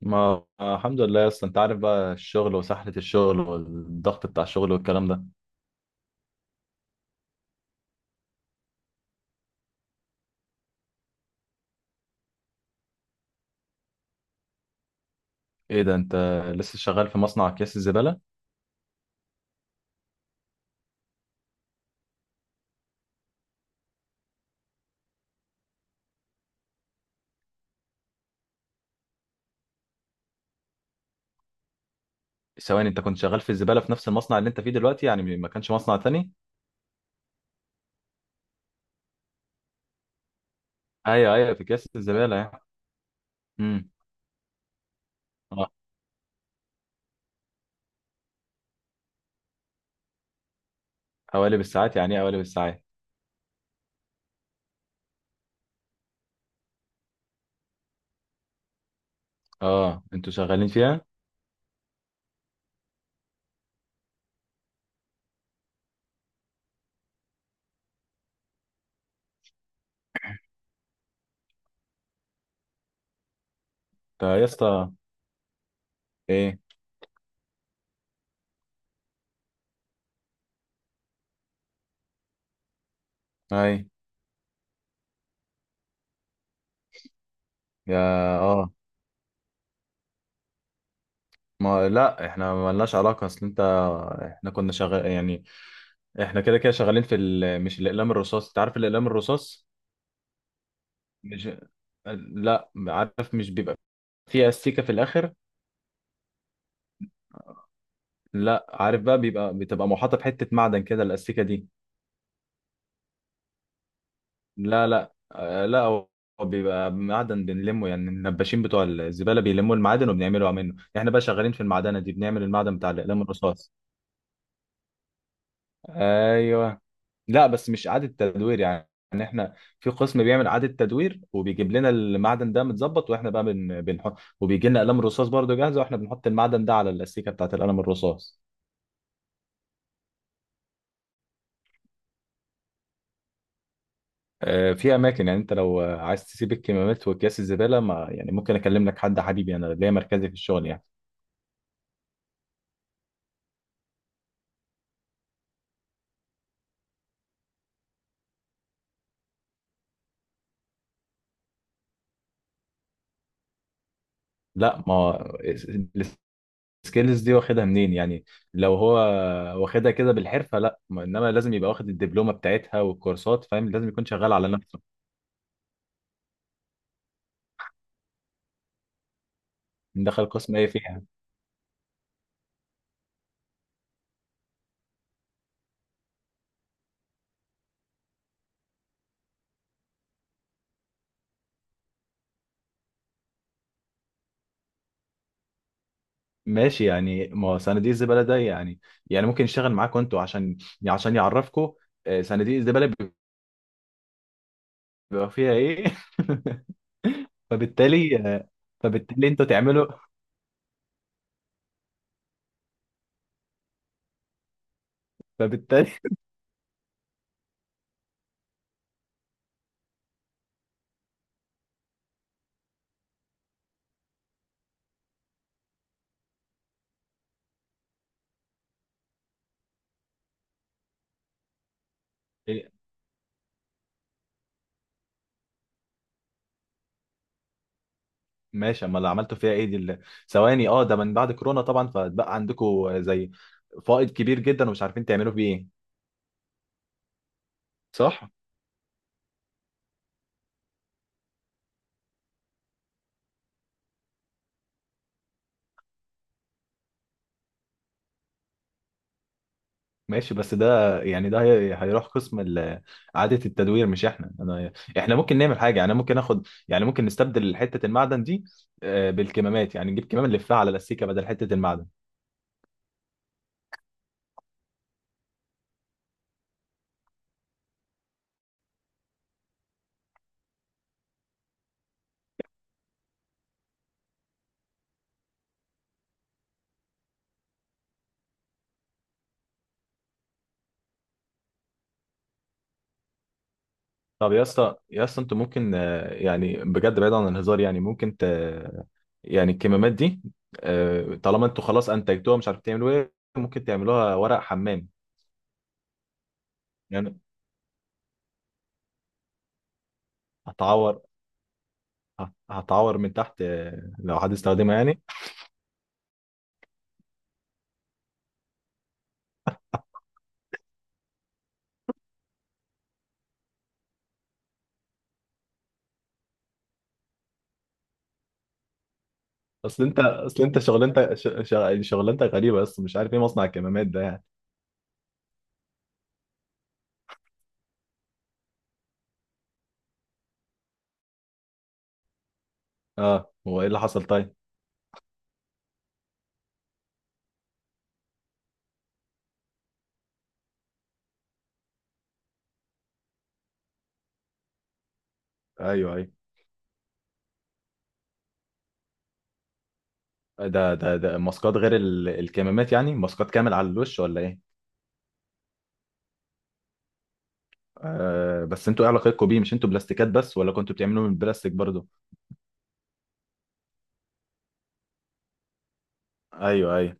ما الحمد لله يا اسطى، انت عارف بقى الشغل وسحلة الشغل والضغط بتاع الشغل والكلام ده. ايه ده؟ انت لسه شغال في مصنع اكياس الزبالة؟ ثواني، انت كنت شغال في الزبالة في نفس المصنع اللي انت فيه دلوقتي يعني؟ ما كانش مصنع تاني؟ ايوه، ايوه، في اكياس الزبالة يعني. امم. اه، حوالي بالساعات؟ يعني ايه حوالي بالساعات؟ اه، انتوا شغالين فيها انت؟ يا اسطى، ايه؟ اي، يا، اه. ما، لا احنا ملناش علاقة، اصل انت، احنا كنا شغال يعني. احنا كده كده شغالين في مش، الاقلام الرصاص، انت عارف الاقلام الرصاص؟ مش لا، عارف مش بيبقى فيها استيكة في الآخر؟ لا، عارف بقى بتبقى محاطة بحتة معدن كده الأستيكة دي. لا لا، لا، هو بيبقى معدن بنلمه، يعني النباشين بتوع الزبالة بيلموا المعادن وبنعملوا منه، احنا بقى شغالين في المعدنة دي، بنعمل المعدن بتاع الأقلام الرصاص. ايوه. لا، بس مش إعادة تدوير يعني احنا في قسم بيعمل إعادة تدوير وبيجيب لنا المعدن ده متظبط، واحنا بقى بنحط، وبيجي لنا قلم رصاص برضه جاهزة، واحنا بنحط المعدن ده على الأستيكة بتاعت القلم الرصاص. في اماكن يعني، انت لو عايز تسيب الكمامات واكياس الزباله، ما يعني ممكن اكلم لك حد، حبيبي انا ليا مركزي في الشغل يعني. لا، ما هو السكيلز دي واخدها منين يعني؟ لو هو واخدها كده بالحرفه لا، انما لازم يبقى واخد الدبلومه بتاعتها والكورسات، فاهم؟ لازم يكون شغال على نفسه. دخل قسم ايه فيها؟ ماشي، يعني ما هو صناديق الزباله ده يعني، يعني ممكن يشتغل معاكم انتوا عشان، عشان يعرفكم. آه، صناديق الزباله بيبقى فيها ايه؟ فبالتالي، فبالتالي انتوا تعملوا، فبالتالي إيه؟ ماشي، اما اللي عملته فيها ايه؟ ثواني، اه، ده من بعد كورونا طبعا، فبقى عندكم زي فائض كبير جدا ومش عارفين تعملوا فيه ايه. صح. ماشي بس ده يعني، ده هيروح قسم إعادة التدوير، مش احنا. أنا، احنا ممكن نعمل حاجة، يعني ممكن ناخد، يعني ممكن نستبدل حتة المعدن دي بالكمامات، يعني نجيب كمام نلفها على الأسيكة بدل حتة المعدن. طب يا اسطى، يا اسطى انتوا ممكن يعني بجد بعيد عن الهزار يعني ممكن ت... يعني الكمامات دي، طالما انتوا خلاص انتجتوها مش عارف تعملوا ايه، ممكن تعملوها ورق حمام. يعني هتعور هتعور من تحت لو حد استخدمها يعني. اصل انت، اصل انت شغلانتك يعني شغلانتك غريبه، بس مش عارف ايه مصنع الكمامات ده يعني. اه، هو ايه اللي حصل طيب؟ ايوه، ايوه، ده ماسكات غير الكمامات يعني، ماسكات كامل على الوش ولا ايه؟ آه، بس انتوا ايه علاقتكم بيه؟ مش انتوا بلاستيكات بس ولا كنتوا بتعملوا من البلاستيك برضو؟ ايوه، ايوه.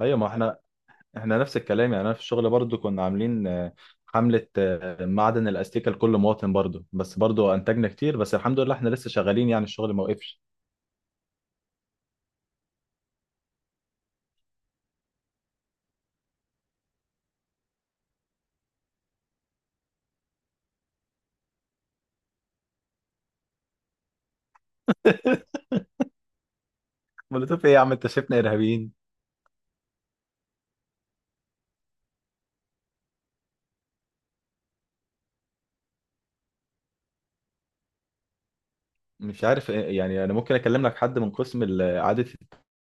ايوه ما احنا نفس الكلام يعني، انا في الشغل برضو كنا عاملين حملة معدن الاستيكة لكل مواطن برضو، بس برضو انتجنا كتير، بس الحمد لله احنا لسه شغالين يعني الشغل ما وقفش. مولوتوف ايه يا عم؟ انت شايفنا ارهابيين؟ مش عارف يعني انا ممكن اكلم لك حد من قسم اعاده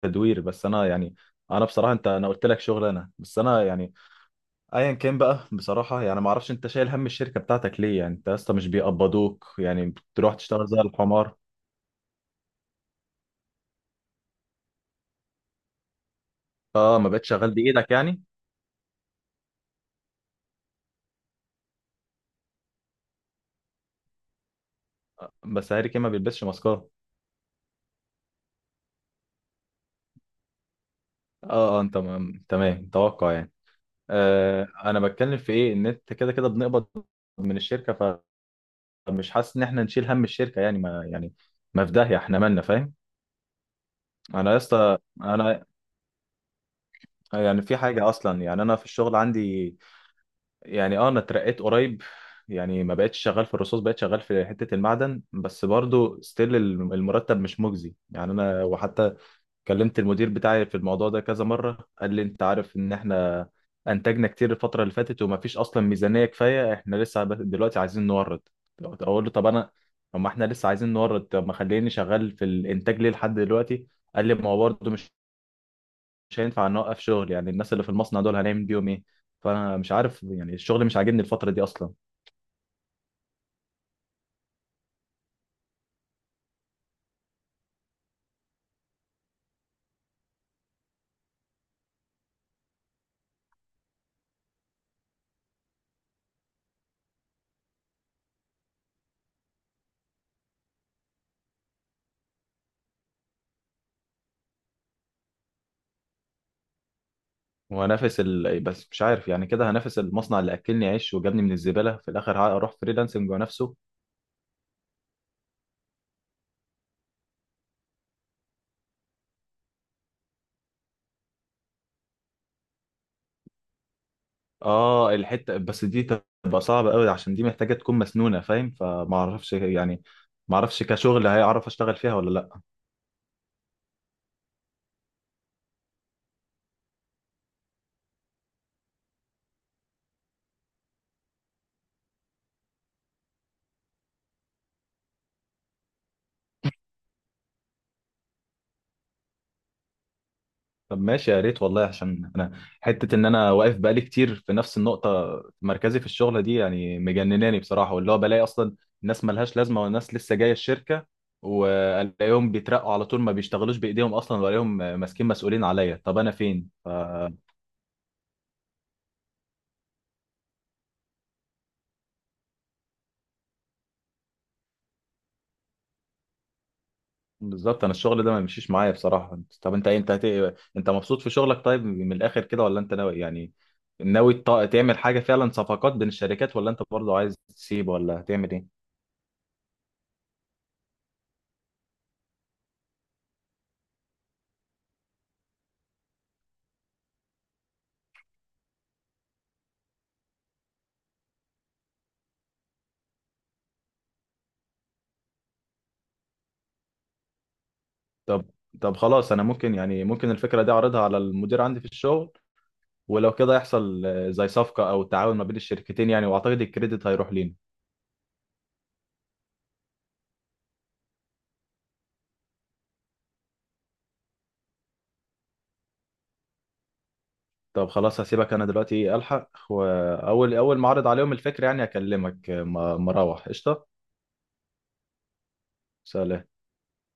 التدوير، بس انا يعني، انا بصراحه انت، انا قلت لك شغل انا، بس انا يعني، ايا كان بقى بصراحه، يعني ما اعرفش انت شايل هم الشركه بتاعتك ليه يعني، انت اصلا مش بيقبضوك يعني. بتروح تشتغل زي الحمار. اه، ما بقتش شغال بايدك يعني. بس هاري كين ما بيلبسش ماسكات. اه، اه، انت تمام توقع يعني. آه، انا بتكلم في ايه ان انت كده كده بنقبض من الشركه، فمش حاسس ان احنا نشيل هم الشركه يعني، ما يعني، ما في داهيه احنا مالنا فاهم. انا يا اسطى، انا يعني في حاجه اصلا، يعني انا في الشغل عندي، يعني انا اترقيت قريب، يعني ما بقتش شغال في الرصاص، بقيت شغال في حتة المعدن، بس برضو ستيل المرتب مش مجزي يعني، انا وحتى كلمت المدير بتاعي في الموضوع ده كذا مرة، قال لي انت عارف ان احنا انتجنا كتير الفترة اللي فاتت، وما فيش اصلا ميزانية كفاية، احنا لسه دلوقتي عايزين نورد. اقول له طب انا، طب ما احنا لسه عايزين نورد، طب ما خليني شغال في الانتاج ليه لحد دلوقتي؟ قال لي ما هو برضه مش هينفع نوقف شغل يعني، الناس اللي في المصنع دول هنعمل بيهم ايه؟ فانا مش عارف، يعني الشغل مش عاجبني الفتره دي اصلا. وهنافس بس مش عارف يعني كده هنافس المصنع اللي اكلني عيش وجابني من الزباله؟ في الاخر هروح فريلانسنج ونفسه. اه الحته بس دي تبقى صعبه قوي عشان دي محتاجه تكون مسنونه فاهم، فما اعرفش يعني، ما اعرفش كشغل هيعرف اشتغل فيها ولا لا. طب ماشي يا ريت والله، عشان انا حته ان انا واقف بقالي كتير في نفس النقطه مركزي في الشغله دي يعني مجنناني بصراحه، واللي هو بلاقي اصلا الناس ملهاش لازمه، والناس لسه جايه الشركه والاقيهم بيترقوا على طول، ما بيشتغلوش بايديهم اصلا، والاقيهم ماسكين مسؤولين عليا. طب انا فين بالظبط، انا الشغل ده ما بيمشيش معايا بصراحه. طب انت إيه؟ انت مبسوط في شغلك طيب من الاخر كده، ولا انت ناوي يعني ناوي تعمل حاجه فعلا صفقات بين الشركات، ولا انت برضه عايز تسيب، ولا هتعمل ايه؟ طب طب خلاص انا ممكن، يعني ممكن الفكره دي اعرضها على المدير عندي في الشغل، ولو كده يحصل زي صفقه او تعاون ما بين الشركتين يعني، واعتقد الكريدت هيروح لينا. طب خلاص هسيبك انا دلوقتي، ايه الحق، واول اول ما اعرض عليهم الفكره يعني اكلمك. ما اروح قشطه. سلام.